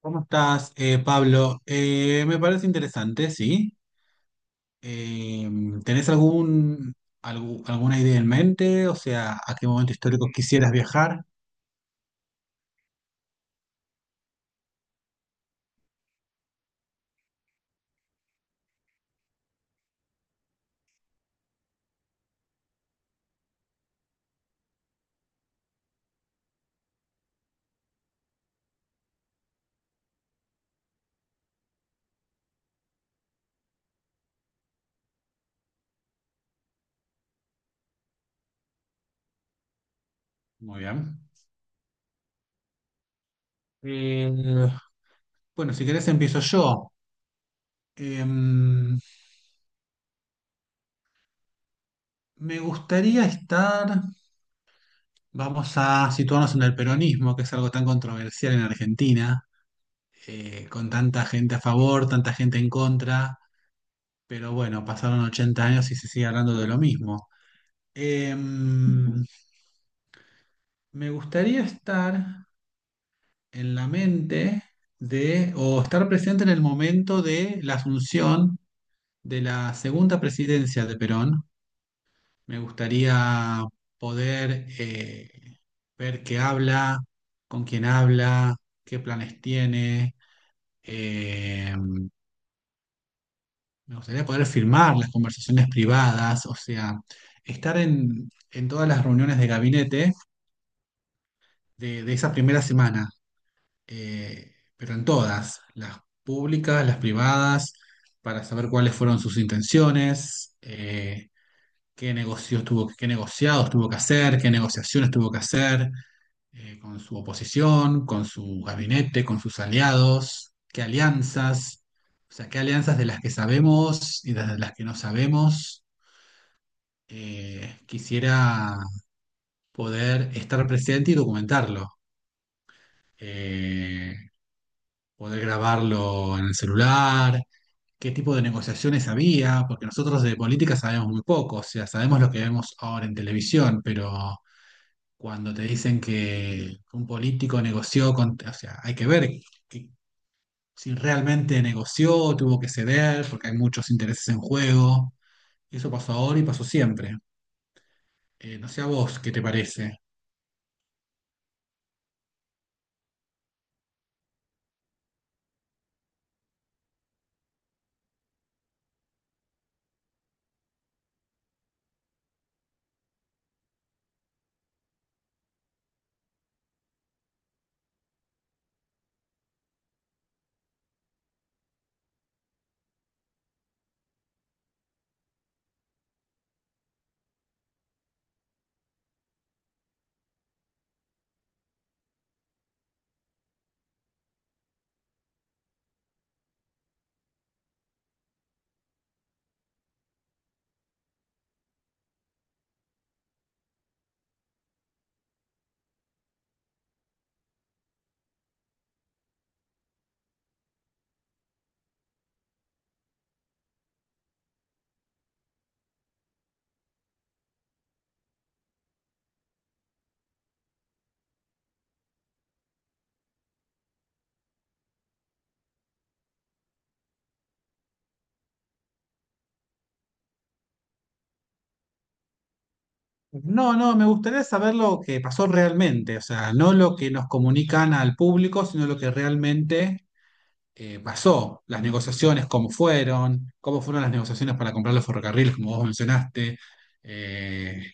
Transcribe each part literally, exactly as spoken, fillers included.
¿Cómo estás, eh, Pablo? Eh, me parece interesante, sí. Eh, ¿Tenés algún, algu- alguna idea en mente? O sea, ¿a qué momento histórico quisieras viajar? Muy bien. Eh, bueno, si querés empiezo yo. Eh, me gustaría estar, vamos a situarnos en el peronismo, que es algo tan controversial en Argentina, eh, con tanta gente a favor, tanta gente en contra, pero bueno, pasaron ochenta años y se sigue hablando de lo mismo. Em, Me gustaría estar en la mente de, o estar presente en el momento de la asunción de la segunda presidencia de Perón. Me gustaría poder eh, ver qué habla, con quién habla, qué planes tiene. Em, Me gustaría poder firmar las conversaciones privadas, o sea, estar en, en todas las reuniones de gabinete de de esa primera semana, eh, pero en todas, las públicas, las privadas, para saber cuáles fueron sus intenciones, eh, qué negocios tuvo, qué negociados tuvo que hacer, qué negociaciones tuvo que hacer, eh, con su oposición, con su gabinete, con sus aliados, qué alianzas, o sea, qué alianzas de las que sabemos y de las que no sabemos. Eh, quisiera poder estar presente y documentarlo. eh, Poder grabarlo en el celular, qué tipo de negociaciones había, porque nosotros de política sabemos muy poco, o sea, sabemos lo que vemos ahora en televisión, pero cuando te dicen que un político negoció con, o sea, hay que ver que- si realmente negoció, tuvo que ceder, porque hay muchos intereses en juego. Eso pasó ahora y pasó siempre. Eh, no sé a vos qué te parece. No, no, me gustaría saber lo que pasó realmente, o sea, no lo que nos comunican al público, sino lo que realmente eh, pasó, las negociaciones, cómo fueron, cómo fueron las negociaciones para comprar los ferrocarriles, como vos mencionaste, eh,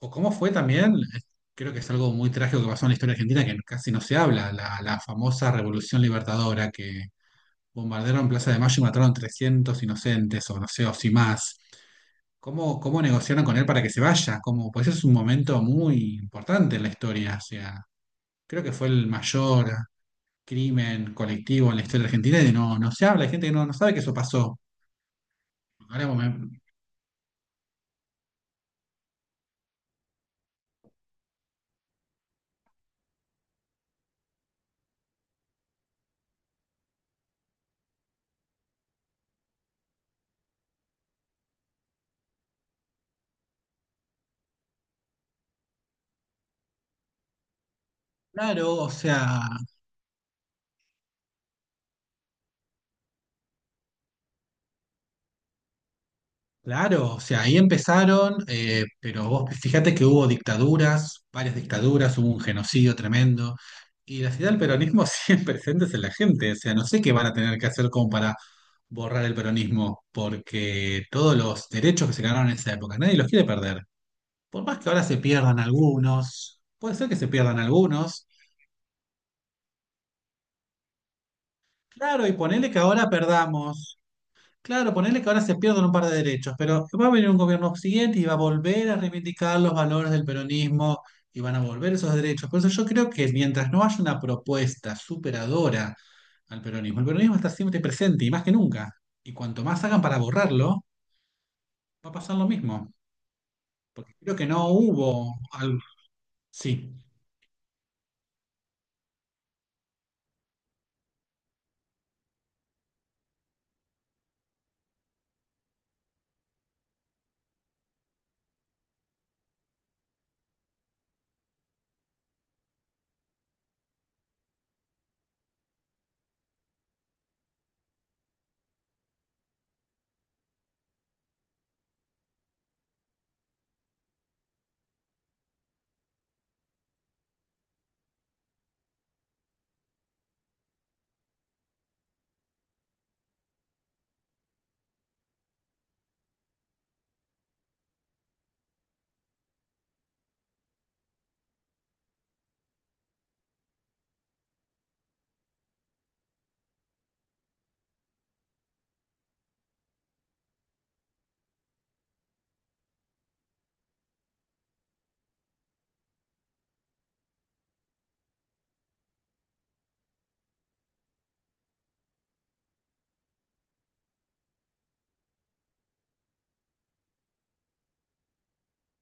o cómo fue también, eh, creo que es algo muy trágico que pasó en la historia argentina, que casi no se habla, la, la famosa Revolución Libertadora, que bombardearon Plaza de Mayo y mataron trescientos inocentes, o no sé, o si más. ¿Cómo, cómo negociaron con él para que se vaya? ¿Cómo? Pues es un momento muy importante en la historia, o sea, creo que fue el mayor crimen colectivo en la historia argentina y no, no se habla, hay gente que no, no sabe que eso pasó. Ahora vos me- Claro, o sea, claro, o sea, ahí empezaron, eh, pero vos fíjate que hubo dictaduras, varias dictaduras, hubo un genocidio tremendo, y la ciudad del peronismo siempre presentes en la gente, o sea, no sé qué van a tener que hacer como para borrar el peronismo, porque todos los derechos que se ganaron en esa época, nadie los quiere perder. Por más que ahora se pierdan algunos, puede ser que se pierdan algunos, claro, y ponele que ahora perdamos. Claro, ponele que ahora se pierdan un par de derechos, pero va a venir un gobierno siguiente y va a volver a reivindicar los valores del peronismo y van a volver esos derechos. Por eso yo creo que mientras no haya una propuesta superadora al peronismo, el peronismo está siempre presente y más que nunca. Y cuanto más hagan para borrarlo, va a pasar lo mismo. Porque creo que no hubo algo. Sí,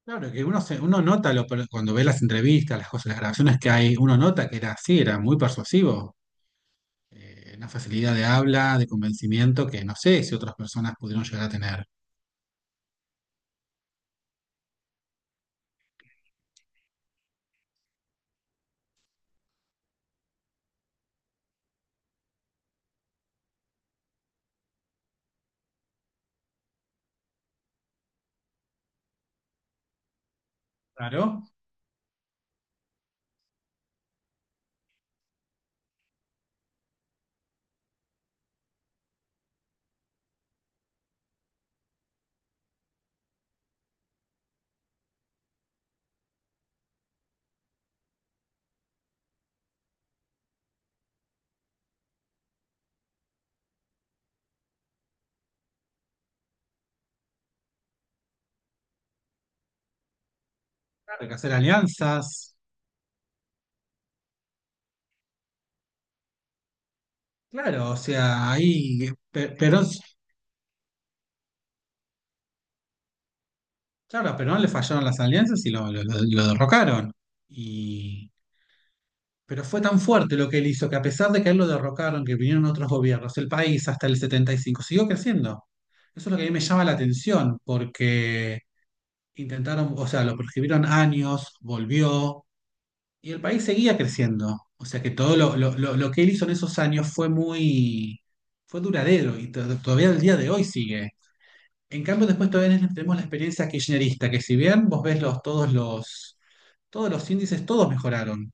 claro que uno, se, uno nota lo, cuando ve las entrevistas, las cosas, las grabaciones que hay, uno nota que era así, era muy persuasivo, eh, una facilidad de habla, de convencimiento que no sé si otras personas pudieron llegar a tener. Claro, claro, hay que hacer alianzas. Claro, o sea, ahí Pe- Perón, claro, a Perón le fallaron las alianzas y lo, lo- lo- lo derrocaron. Y, pero fue tan fuerte lo que él hizo que a pesar de que a él lo derrocaron, que vinieron otros gobiernos, el país hasta el el setenta y cinco siguió creciendo. Eso es lo que a mí me llama la atención, porque intentaron, o sea, lo prohibieron años, volvió, y el país seguía creciendo. O sea que todo lo, lo- lo- lo que él hizo en esos años fue muy, fue duradero y to- todavía el día de hoy sigue. En cambio, después todavía tenemos la experiencia kirchnerista, que si bien vos ves los, todos los, todos los índices, todos mejoraron.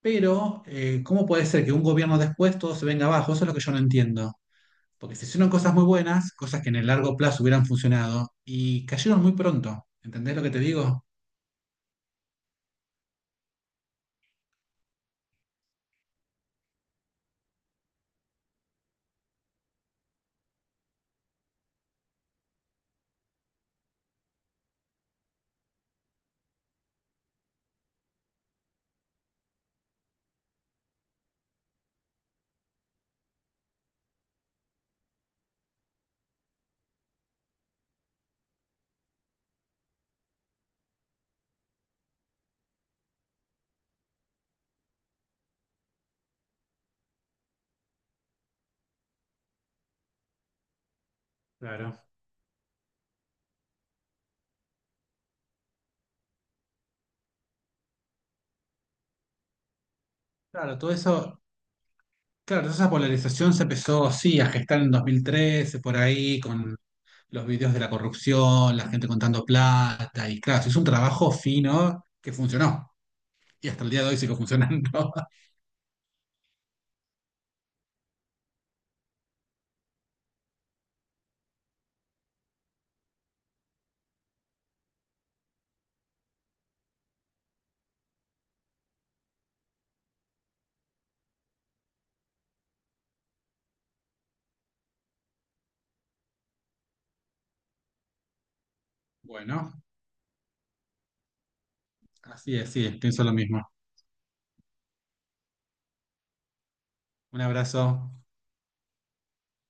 Pero, eh, ¿cómo puede ser que un gobierno después todo se venga abajo? Eso es lo que yo no entiendo. Porque se hicieron cosas muy buenas, cosas que en el largo plazo hubieran funcionado, y cayeron muy pronto. ¿Entendés lo que te digo? Claro. Claro, todo eso, claro, esa polarización se empezó, sí, a gestar en dos mil trece, por ahí, con los videos de la corrupción, la gente contando plata, y claro, es un trabajo fino que funcionó, y hasta el día de hoy sigue funcionando. Bueno, así es, sí, pienso lo mismo. Un abrazo.